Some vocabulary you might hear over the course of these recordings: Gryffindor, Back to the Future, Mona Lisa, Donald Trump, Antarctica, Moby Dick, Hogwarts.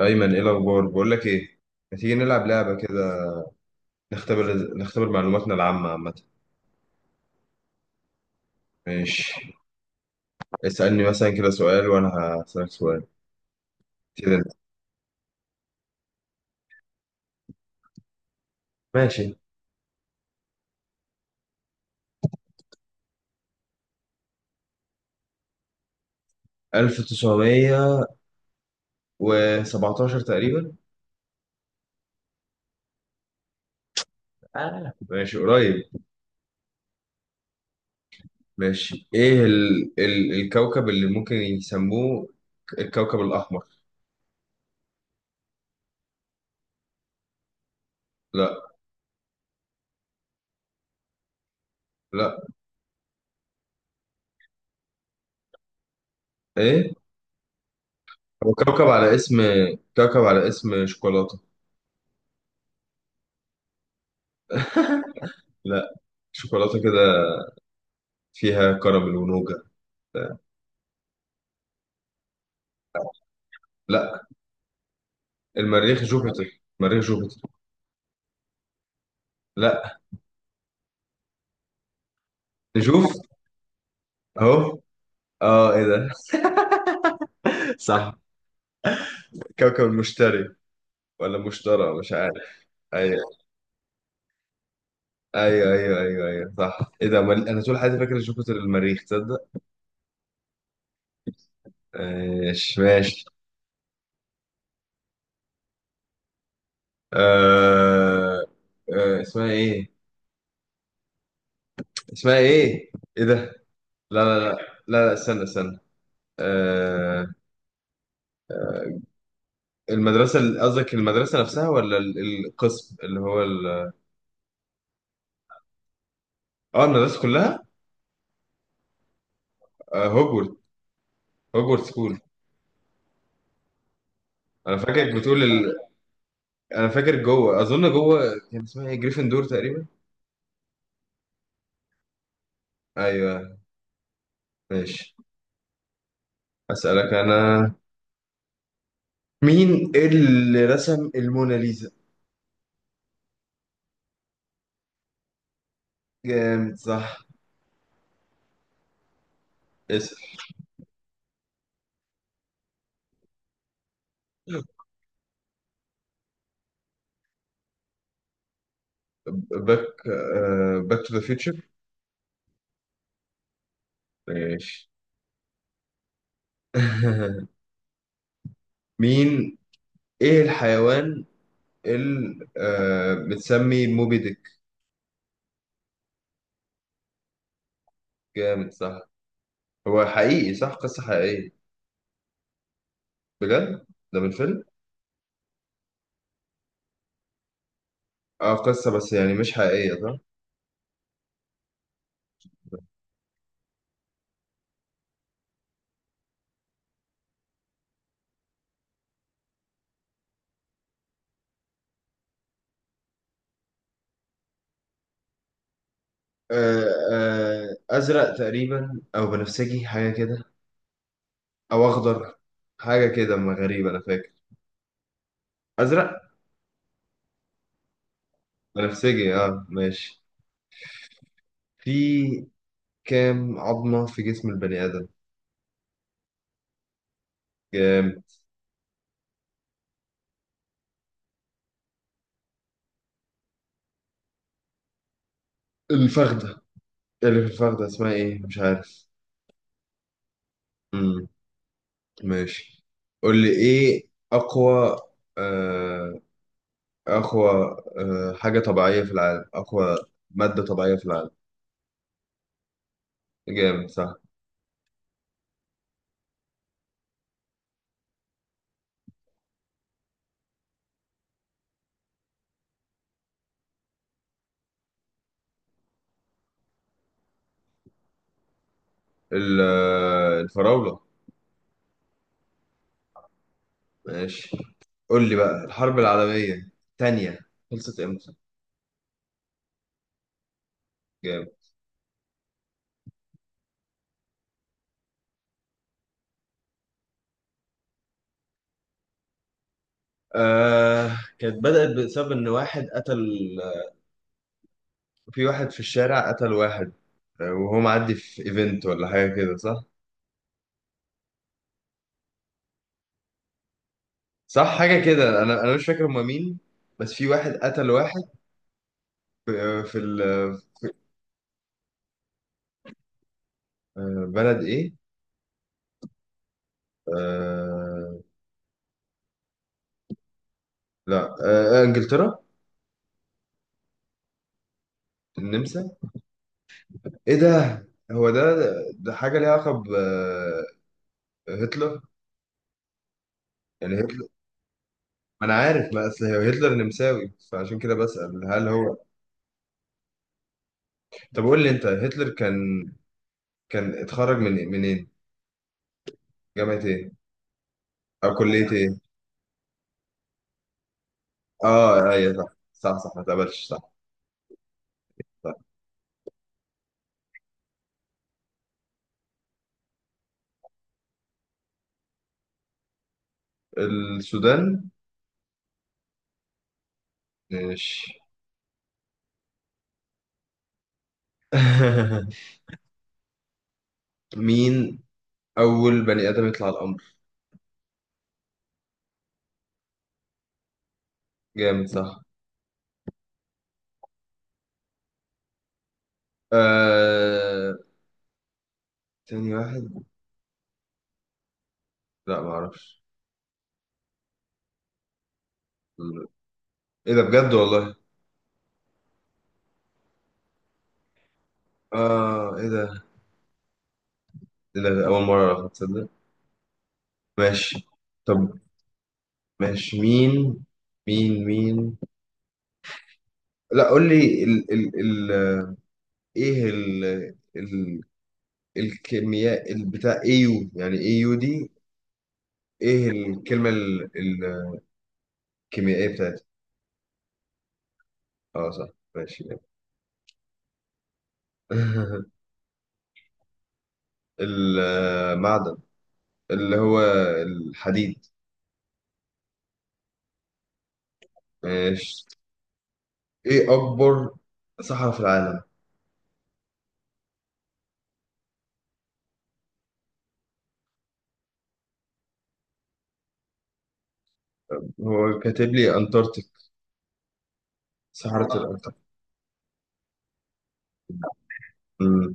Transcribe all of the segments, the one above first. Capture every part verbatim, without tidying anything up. أيمن إيه الأخبار؟ بقول لك إيه؟ ما تيجي نلعب لعبة كده. نختبر نختبر معلوماتنا العامة عامة. ماشي. اسألني مثلا كده سؤال، وأنا هسألك سؤال كده. ألف وتسعمئة وسبعة عشر تقريبا. آه. ماشي قريب. ماشي. إيه ال... ال... الكوكب اللي ممكن يسموه الكوكب الأحمر؟ لا. لا. إيه؟ هو كوكب على اسم. كوكب على اسم شوكولاتة. لا. شوكولاتة كده فيها كراميل ونوجا. لا، المريخ جوبيتر، مريخ جوبيتر. لا. نشوف. اهو. اه، ايه ده. صح. كوكب المشتري، ولا مشترى مش عارف. ايوه ايوه ايوه ايوه ايوه صح. ايه ده مال... انا طول حياتي فاكر جوبيتر المريخ، تصدق. ماشي ماشي. آه... آه... اسمها ايه؟ اسمها ايه؟ ايه ده. لا لا لا. لا, لا. استنى استنى. آه... المدرسة ال- قصدك المدرسة نفسها، ولا ال- القسم اللي هو ال... اه، المدرسة كلها. آه، هوجورت. هوجورت سكول. انا فاكرك بتقول. انا فاكر جوه، اظن جوه كان اسمها ايه، جريفندور تقريبا. ايوه. ماشي. اسالك انا. مين اللي رسم الموناليزا؟ جامد، صح. اسال. باك. باك تو ذا فيوتشر. ماشي. مين. ايه الحيوان اللي آه، بتسمي موبي ديك؟ جامد، صح. هو حقيقي، صح؟ قصة حقيقية؟ بجد. ده من فيلم. اه، قصة بس يعني مش حقيقية، صح. آه، آه، ازرق تقريبا او بنفسجي، حاجه كده. او اخضر. حاجه كده، ما غريبه، انا فاكر ازرق. بنفسجي، اه. ماشي. في كام عظمه في جسم البني ادم؟ كام؟ الفخده. اللي في الفخده اسمها ايه مش عارف. امم. ماشي. قول لي ايه اقوى، آه، اقوى آه، حاجه طبيعيه في العالم؟ اقوى ماده طبيعيه في العالم. جامد، صح. ال- آه، الفراوله. ماشي. قول لي بقى، الحرب العالمية التانية خلصت امتى؟ جامد. آه، كانت بدأت بسبب إن واحد قتل. في واحد في الشارع قتل واحد. آه، وهو معدي في ايفنت ولا حاجة كده، صح؟ صح، حاجة كده. أنا أنا مش فاكر هما مين. بس في واحد قتل واحد. في، آه، في ال- آه، بلد إيه؟ آه لا. آه آه، إنجلترا. النمسا. إيه ده؟ هو ده. ده حاجة ليها علاقة بهتلر. يعني هتلر. ما انا عارف، ما اصل هو هتلر نمساوي، فعشان كده بسأل هل هو. طب قول لي انت، هتلر كان كان اتخرج من إيه؟ منين؟ جامعة ايه او كلية ايه؟ اه، ايوه، صح. صح صح، ما تقبلش، صح. صح. السودان. ماشي. مين اول بني ادم يطلع القمر؟ جامد، صح. آه... تاني واحد. لا ما اعرفش. ايه ده، بجد والله. اه، ايه ده. ايه ده، اول مرة اعرف، تصدق. ماشي. طب. ماشي. مين مين مين. لا قول لي ال ال ال ايه ال ال الكيمياء البتاع اي يو، يعني اي يو دي. ايه الكلمة ال- الكيميائية بتاعتها؟ اه، صح. ماشي. المعدن اللي هو الحديد. ماشي. ايه اكبر صحراء في العالم؟ هو كاتب لي انتاركتيك. صحراء الانتاركتيك. أمم،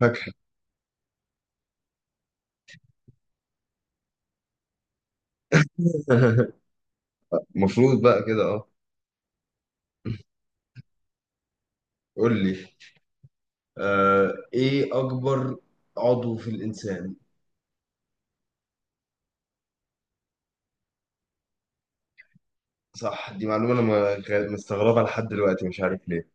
فاكهة. المفروض بقى كده، اه. قول لي، آه، ايه اكبر عضو في الانسان؟ صح. دي معلومة أنا مغ- مستغربها لحد دلوقتي، مش عارف ليه.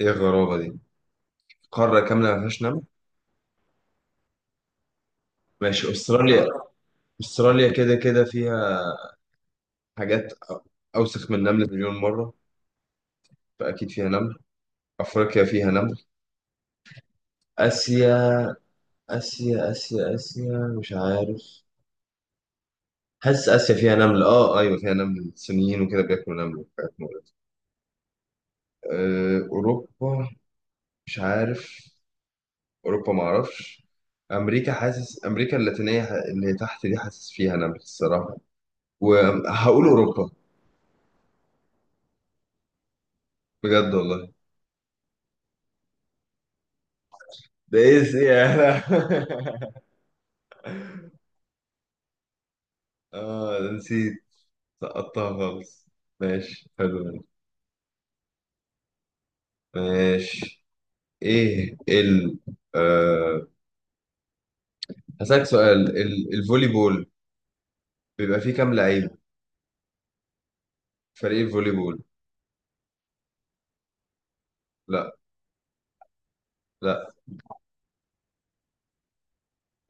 إيه الغرابة دي، قارة كاملة ما فيهاش نمل؟ ماشي. أستراليا. أستراليا كده كده فيها حاجات أ- أوسخ من النمل مليون مرة، فأكيد فيها نمل. أفريقيا فيها نمل. آسيا. آسيا آسيا آسيا مش عارف. حاسس آسيا فيها نمل، آه. أيوة فيها نمل، الصينيين وكده بياكلوا نمل وحاجات مقرفة. أه، أوروبا، مش عارف. أوروبا معرفش. أمريكا. حاسس أمريكا اللاتينية، ح- اللي تحت دي، حاسس فيها نمل الصراحة. وهقول اوروبا. بجد والله. ده ايه س- يا. لا. اه، ده نسيت. سقطتها خالص. ماشي، حلو ده. ماشي. ايه ال. آه. هسألك سؤال. ال... الفولي بول بيبقى فيه كام لعيب؟ فريق الفولي بول. لا. لا.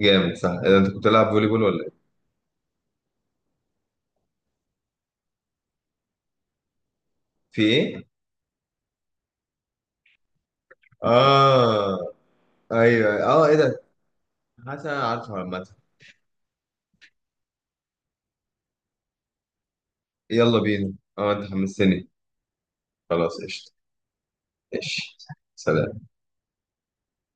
جامد، صح. اذا انت كنت بتلعب فولي بول ولا ايه؟ في ايه. اه، ايوه، اه. ايه ده. حاسس انا عارفه عامه. يلا بينا، اه، انت حمستني. خلاص، قشطه. ماشي. سلام.